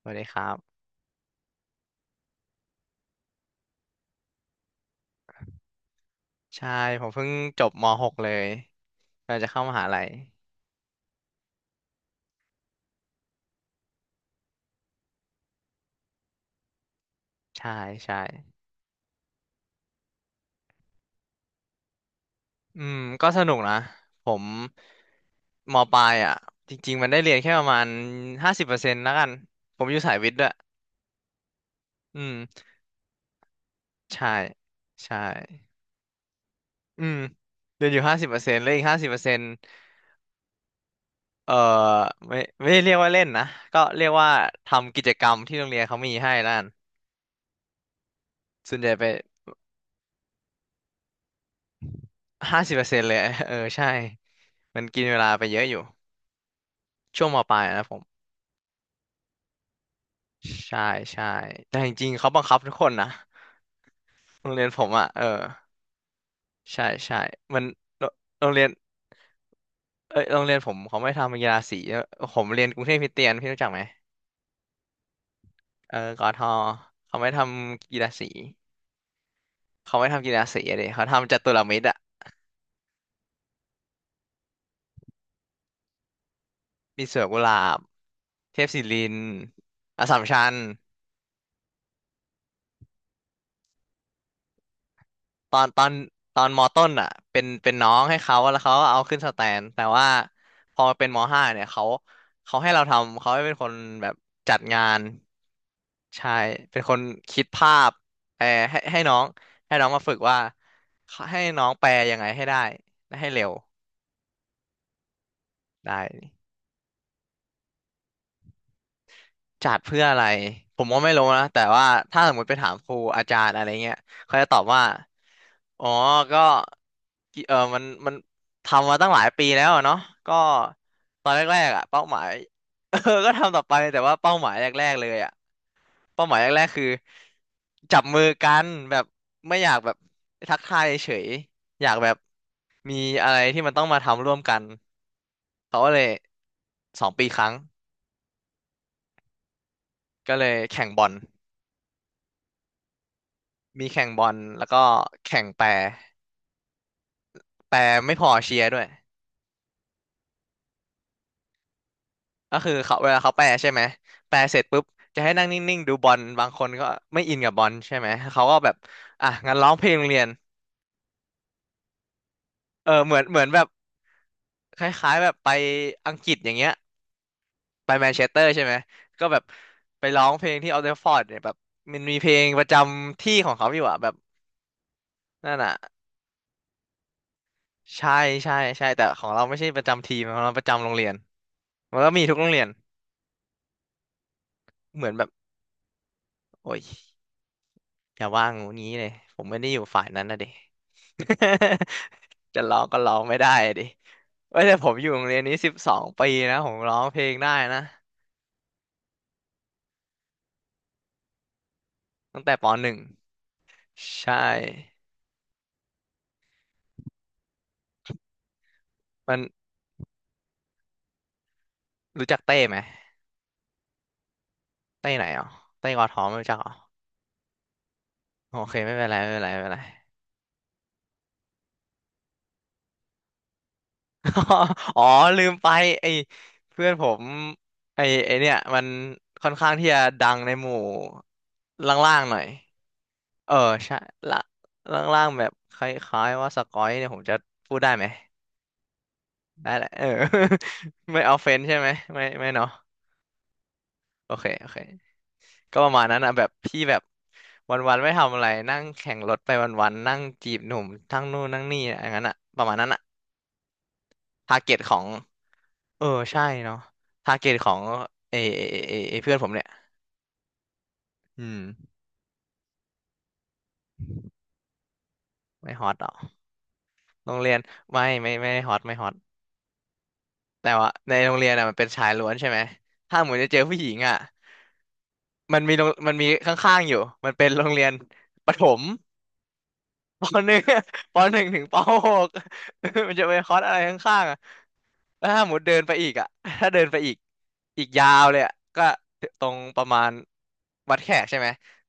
สวัสดีครับใช่ผมเพิ่งจบม .6 เลยกำลังจะเข้ามหาลัยใช่ใช่อืมก็สนุกนะผมมปลายอ่ะจริงๆมันได้เรียนแค่ประมาณห้าสิบเปอร์เซ็นต์แล้วกันผมอยู่สายวิทย์ด้วยอืมใช่ใช่อืมเรียนอยู่ห้าสิบเปอร์เซ็นต์แล้วอีกห้าสิบเปอร์เซ็นต์เอ่อไม่ได้เรียกว่าเล่นนะก็เรียกว่าทำกิจกรรมที่โรงเรียนเขามีให้แล้กันส่วนใหญ่ไปห้าสิบเปอร์เซ็นต์เลย เออใช่มันกินเวลาไปเยอะอยู่ ช่วงมปลายนะผมใช่ใช่แต่จริงๆเขาบังคับทุกคนนะโรงเรียนผมอ่ะเออใช่ใช่มันโรโรงเรียนเอ้ยโรงเรียนผมเขาไม่ทำกีฬาสีผมเรียนกรุงเทพคริสเตียนพี่รู้จักไหมเออกทเขาไม่ทำกีฬาสีเขาไม่ทำกีฬาสีอะดิเขาทำจัตุรมิตรอ่ะมีสวนกุหลาบเทพศิรินทร์อัสสัมชัญ ตอนตอนตอนมอต้นอ่ะเป็นน้องให้เขาแล้วเขาก็เอาขึ้นสแตนแต่ว่าพอมาเป็นมห้าเนี่ยเขาให้เราทำเขาให้เป็นคนแบบจัดงานใช่เป็นคนคิดภาพเออให้น้องให้น้องมาฝึกว่าให้น้องแปลยังไงให้ได้และให้เร็วได้ จัดเพื่ออะไรผมก็ไม่รู้นะแต่ว่าถ้าสมมติไปถามครูอาจารย์อะไรเงี้ยเขาจะตอบว่าอ๋อก็กิมันทำมาตั้งหลายปีแล้วอะเนาะก็ตอนแรกๆอ่ะเป้าหมาย เออก็ทำต่อไปแต่ว่าเป้าหมายแรกๆเลยอ่ะเป้าหมายแรกๆคือจับมือกันแบบไม่อยากแบบทักทายเฉยอยากแบบมีอะไรที่มันต้องมาทำร่วมกันเขาก็เลย2 ปีครั้งก็เลยแข่งบอล มีแข่งบอลแล้วก็แข่งแปรแปรไม่พอเชียร์ด้วยก็คือเขาเวลาเขาแปรใช่ไหมแปรเสร็จปุ๊บจะให้นั่งนิ่งๆดูบอลบางคนก็ไม่อินกับบอลใช่ไหมเขาก็แบบอ่ะงั้นร้องเพลงโรงเรียนเออเหมือนแบบคล้ายๆแบบไปอังกฤษอย่างเงี้ยไปแมนเชสเตอร์ใช่ไหมก็แบบไปร้องเพลงที่ออลเทฟฟอร์ดเนี่ยแบบมันมีเพลงประจำที่ของเขาอยู่อะแบบนั่นอะใช่ใช่ใช่แต่ของเราไม่ใช่ประจำทีมของเราประจำโรงเรียนมันก็มีทุกโรงเรียนเหมือนแบบโอ้ย อย่าว่างูนี้เลยผมไม่ได้อยู่ฝ่ายนั้นนะเดิ จะร้องก็ร้องไม่ได้อะดิเว้ยแต่ผมอยู่โรงเรียนนี้12 ปีนะผมร้องเพลงได้นะตั้งแต่ปหนึ่งใช่มันรู้จักเต้ไหมเต้ไหนอ๋อเต้กอทอไม่รู้จักอ๋อโอเคไม่เป็นไรไม่เป็นไรไม่เป็นไร อ๋อลืมไปไอ้เพื่อนผมไอ้เนี่ยมันค่อนข้างที่จะดังในหมู่ล่างๆหน่อย เออใช่ล่างล่างๆแบบคล้ายๆว่าสกอยเนี่ยผมจะพูดได้ไหมได้แหละเออ ไม่เอาเฟนใช่ไหมไม่ไม่เนาะโอเคโอเคก็ประมาณนั้นอ่ะแบบพี่แบบวันๆไม่ทำอะไรนั่งแข่งรถไปวันๆนั่งจีบหนุ่มทั้งนู่นนั่งนี่อย่างนั้นอ่ะประมาณนั้นอ่ะทาร์เก็ตของเออใช่เนาะทาร์เก็ตของเอเอเอเอเพื่อนผมเนี่ยอืมไม่ฮอตหรอกโรงเรียนไม่ไม่ไม่ฮอตไม่ฮอตแต่ว่าในโรงเรียนอ่ะมันเป็นชายล้วนใช่ไหมถ้าเหมือนจะเจอผู้หญิงอ่ะ มันมีข้างๆอยู่มันเป็นโรงเรียนประถมปหนึ่ง ปหนึ่งถึงปหก มันจะเป็นคอร์สอะไรข้างๆอ่ะแล้วถ้าหมุดเดินไปอีกอ่ะถ้าเดินไปอีกอีกยาวเลยอ่ะก็ตรงประมาณวัดแขกใช่ไหม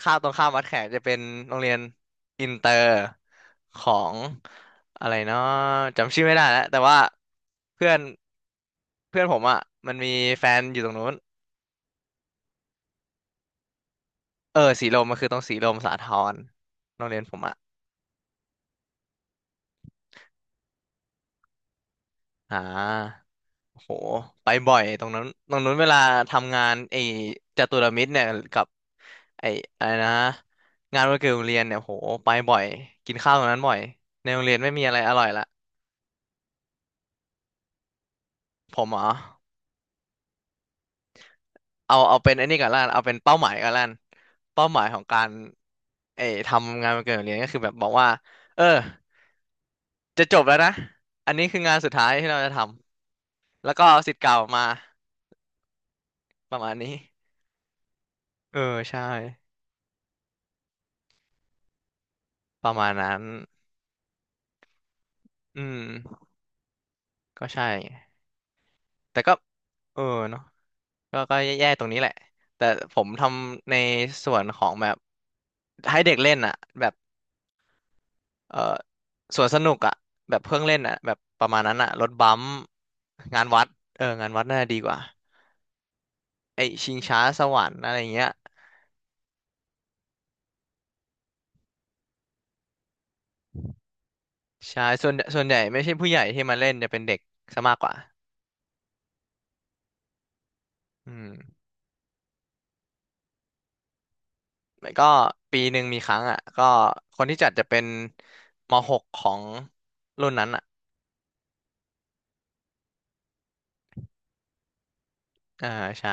ข้ามตรงข้ามวัดแขกจะเป็นโรงเรียนอินเตอร์ของอะไรเนาะจำชื่อไม่ได้แล้วแต่ว่าเพื่อนเพื่อนผมอ่ะมันมีแฟนอยู่ตรงนู้นเออสีลมมันคือตรงสีลมสาทรโรงเรียนผมอ่ะ อ่าโหไปบ่อยตรงนั้นตรงนั้นเวลาทำงานไอ้จตุรมิตรเนี่ยกับไอ้อะไรนะงานวันเกิดโรงเรียนเนี่ยโหไปบ่อยกินข้าวตรงนั้นบ่อยในโรงเรียนไม่มีอะไรอร่อยละผมอ๋อเอาเป็นไอ้นี่ก่อนละกันเอาเป็นเป้าหมายก่อนละกันเป้าหมายของการไอ้ทำงานวันเกิดโรงเรียนก็คือแบบบอกว่าเออจะจบแล้วนะอันนี้คืองานสุดท้ายที่เราจะทำแล้วก็เอาศิษย์เก่ามาประมาณนี้เออใช่ประมาณนั้นอืม ก็ใช่แต่ก็เออเนาะก็แย่ๆตรงนี้แหละแต่ผมทำในส่วนของแบบให้เด็กเล่นอ่ะแบบเออสวนสนุกอ่ะแบบเพื่องเล่นอ่ะแบบประมาณนั้นอ่ะรถบัมป์งานวัดเอองานวัดน่าจะดีกว่าไอชิงช้าสวรรค์อะไรเงี้ยใช่ส่วนใหญ่ไม่ใช่ผู้ใหญ่ที่มาเล่นจะเป็นเด็กซะมากกว่าอืมแล้วก็ปีหนึ่งมีครั้งอ่ะก็คนที่จัดจะเป็นม .6 ของรุ่นนั้นอ่ะอ่าใช่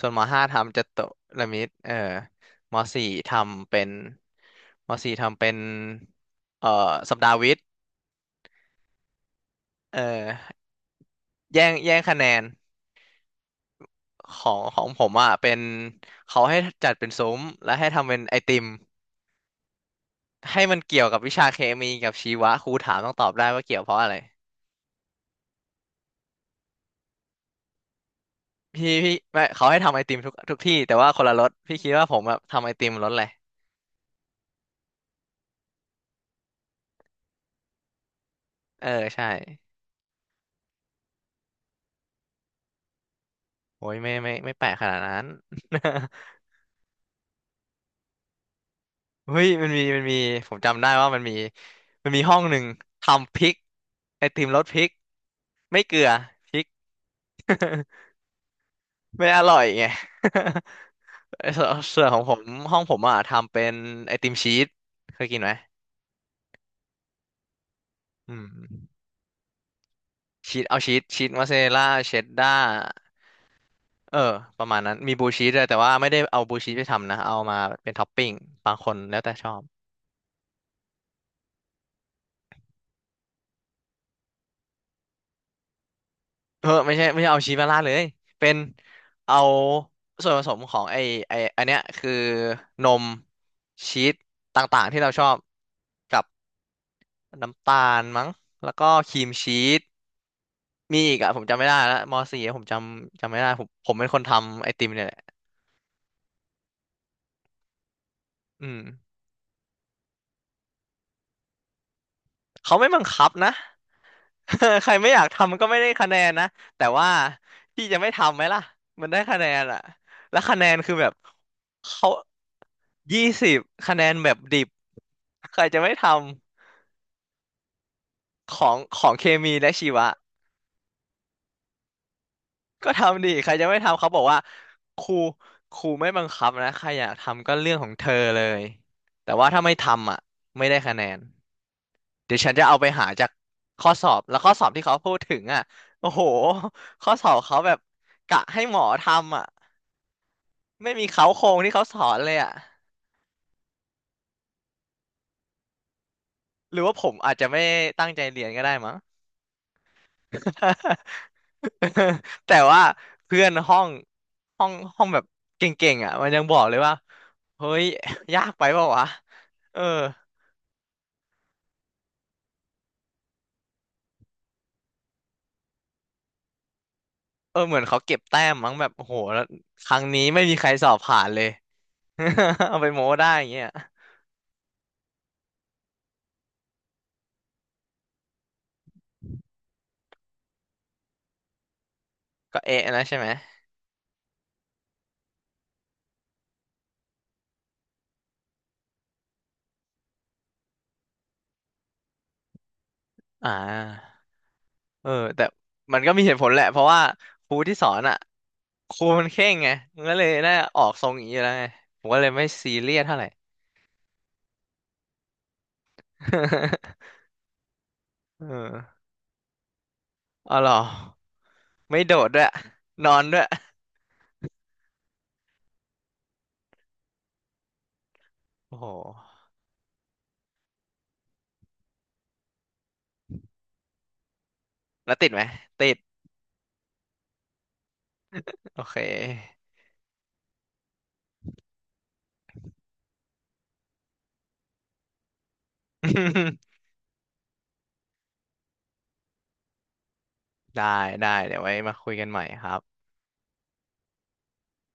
ส่วนมห้าทำจัตุรมิตรเออมสี่ทำเป็นมสี่ทำเป็นเอ่อสัปดาห์วิทย์เออแย่งแย่งคะแนนของของผมอ่ะเป็นเขาให้จัดเป็นซุ้มและให้ทำเป็นไอติมให้มันเกี่ยวกับวิชาเคมีกับชีวะครูถามต้องตอบได้ว่าเกี่ยวเพราะอะไรพี่ไม่เขาให้ทำไอติมทุกที่แต่ว่าคนละรสพี่คิดว่าผมแบบทำไอติมรสอะไรเออใช่โอ้ยไม่ไม่ไม่แปลกขนาดนั้น เฮ้ยมันมีผมจำได้ว่ามันมีมันมีห้องหนึ่งทำพริกไอติมรสพริกไม่เกลือพริก ไม่อร่อยไง ไอ้ส่วนส่วนของผมห้องผมอ่ะทำเป็นไอติมชีสเคยกินไหมอืมชีสเอาชีสมอสซาเรลล่าเชดด้าเออประมาณนั้นมีบลูชีสด้วยแต่ว่าไม่ได้เอาบลูชีสไปทำนะเอามาเป็นท็อปปิ้งบางคนแล้วแต่ชอบ เออไม่ใช่ไม่ใช่เอาชีสมาราดเลยเป็นเอาส่วนผสมของไออันเนี้ยคือนมชีสต่างๆที่เราชอบกับน้ำตาลมั้งแล้วก็ครีมชีสมีอีกอะผมจำไม่ได้แล้วมสี่ผมจำไม่ได้ผมเป็นคนทำไอติมเนี่ยแหละอืมเขาไม่บังคับนะ ใครไม่อยากทำมันก็ไม่ได้คะแนนนะแต่ว่าพี่จะไม่ทำไหมล่ะมันได้คะแนนอะแล้วคะแนนคือแบบเขา 20คะแนนแบบดิบใครจะไม่ทำของเคมีและชีวะก็ทำดิใครจะไม่ทำเขาบอกว่าครูครูไม่บังคับนะใครอยากทำก็เรื่องของเธอเลยแต่ว่าถ้าไม่ทำอ่ะไม่ได้คะแนนเดี๋ยวฉันจะเอาไปหาจากข้อสอบแล้วข้อสอบที่เขาพูดถึงอ่ะโอ้โหข้อสอบเขาแบบกะให้หมอทำอ่ะไม่มีเค้าโครงที่เขาสอนเลยอ่ะหรือว่าผมอาจจะไม่ตั้งใจเรียนก็ได้มั้ง แต่ว่าเพื่อนห้องห้องห้องแบบเก่งๆอ่ะมันยังบอกเลยว่าเฮ้ยยากไปเปล่าวะเออเออเหมือนเขาเก็บแต้มมั้งแบบโอ้โหแล้วครั้งนี้ไม่มีใครสอบผ่านเลย เอาไปโม้ได้อย่างเงี้ยก็เอ๊ะนะใช่ไหมอ่าเออแต่มันก็มีเหตุผลแหละเพราะว่าครูที่สอนอ่ะครูมันเคร่งไงมันก็เลยน่าออกทรงอย่างนี้อยู่แล้วไงผมก็เลยไม่ซีเรียสเท่าไหร่ เอออ๋อเหรอ ไม่โดดด้วยนอนด้วยโอ้โหแล้วติดไหมติดโอเค ได้ได้เดี๋ยวไว้มาคุยกันใหม่ครับ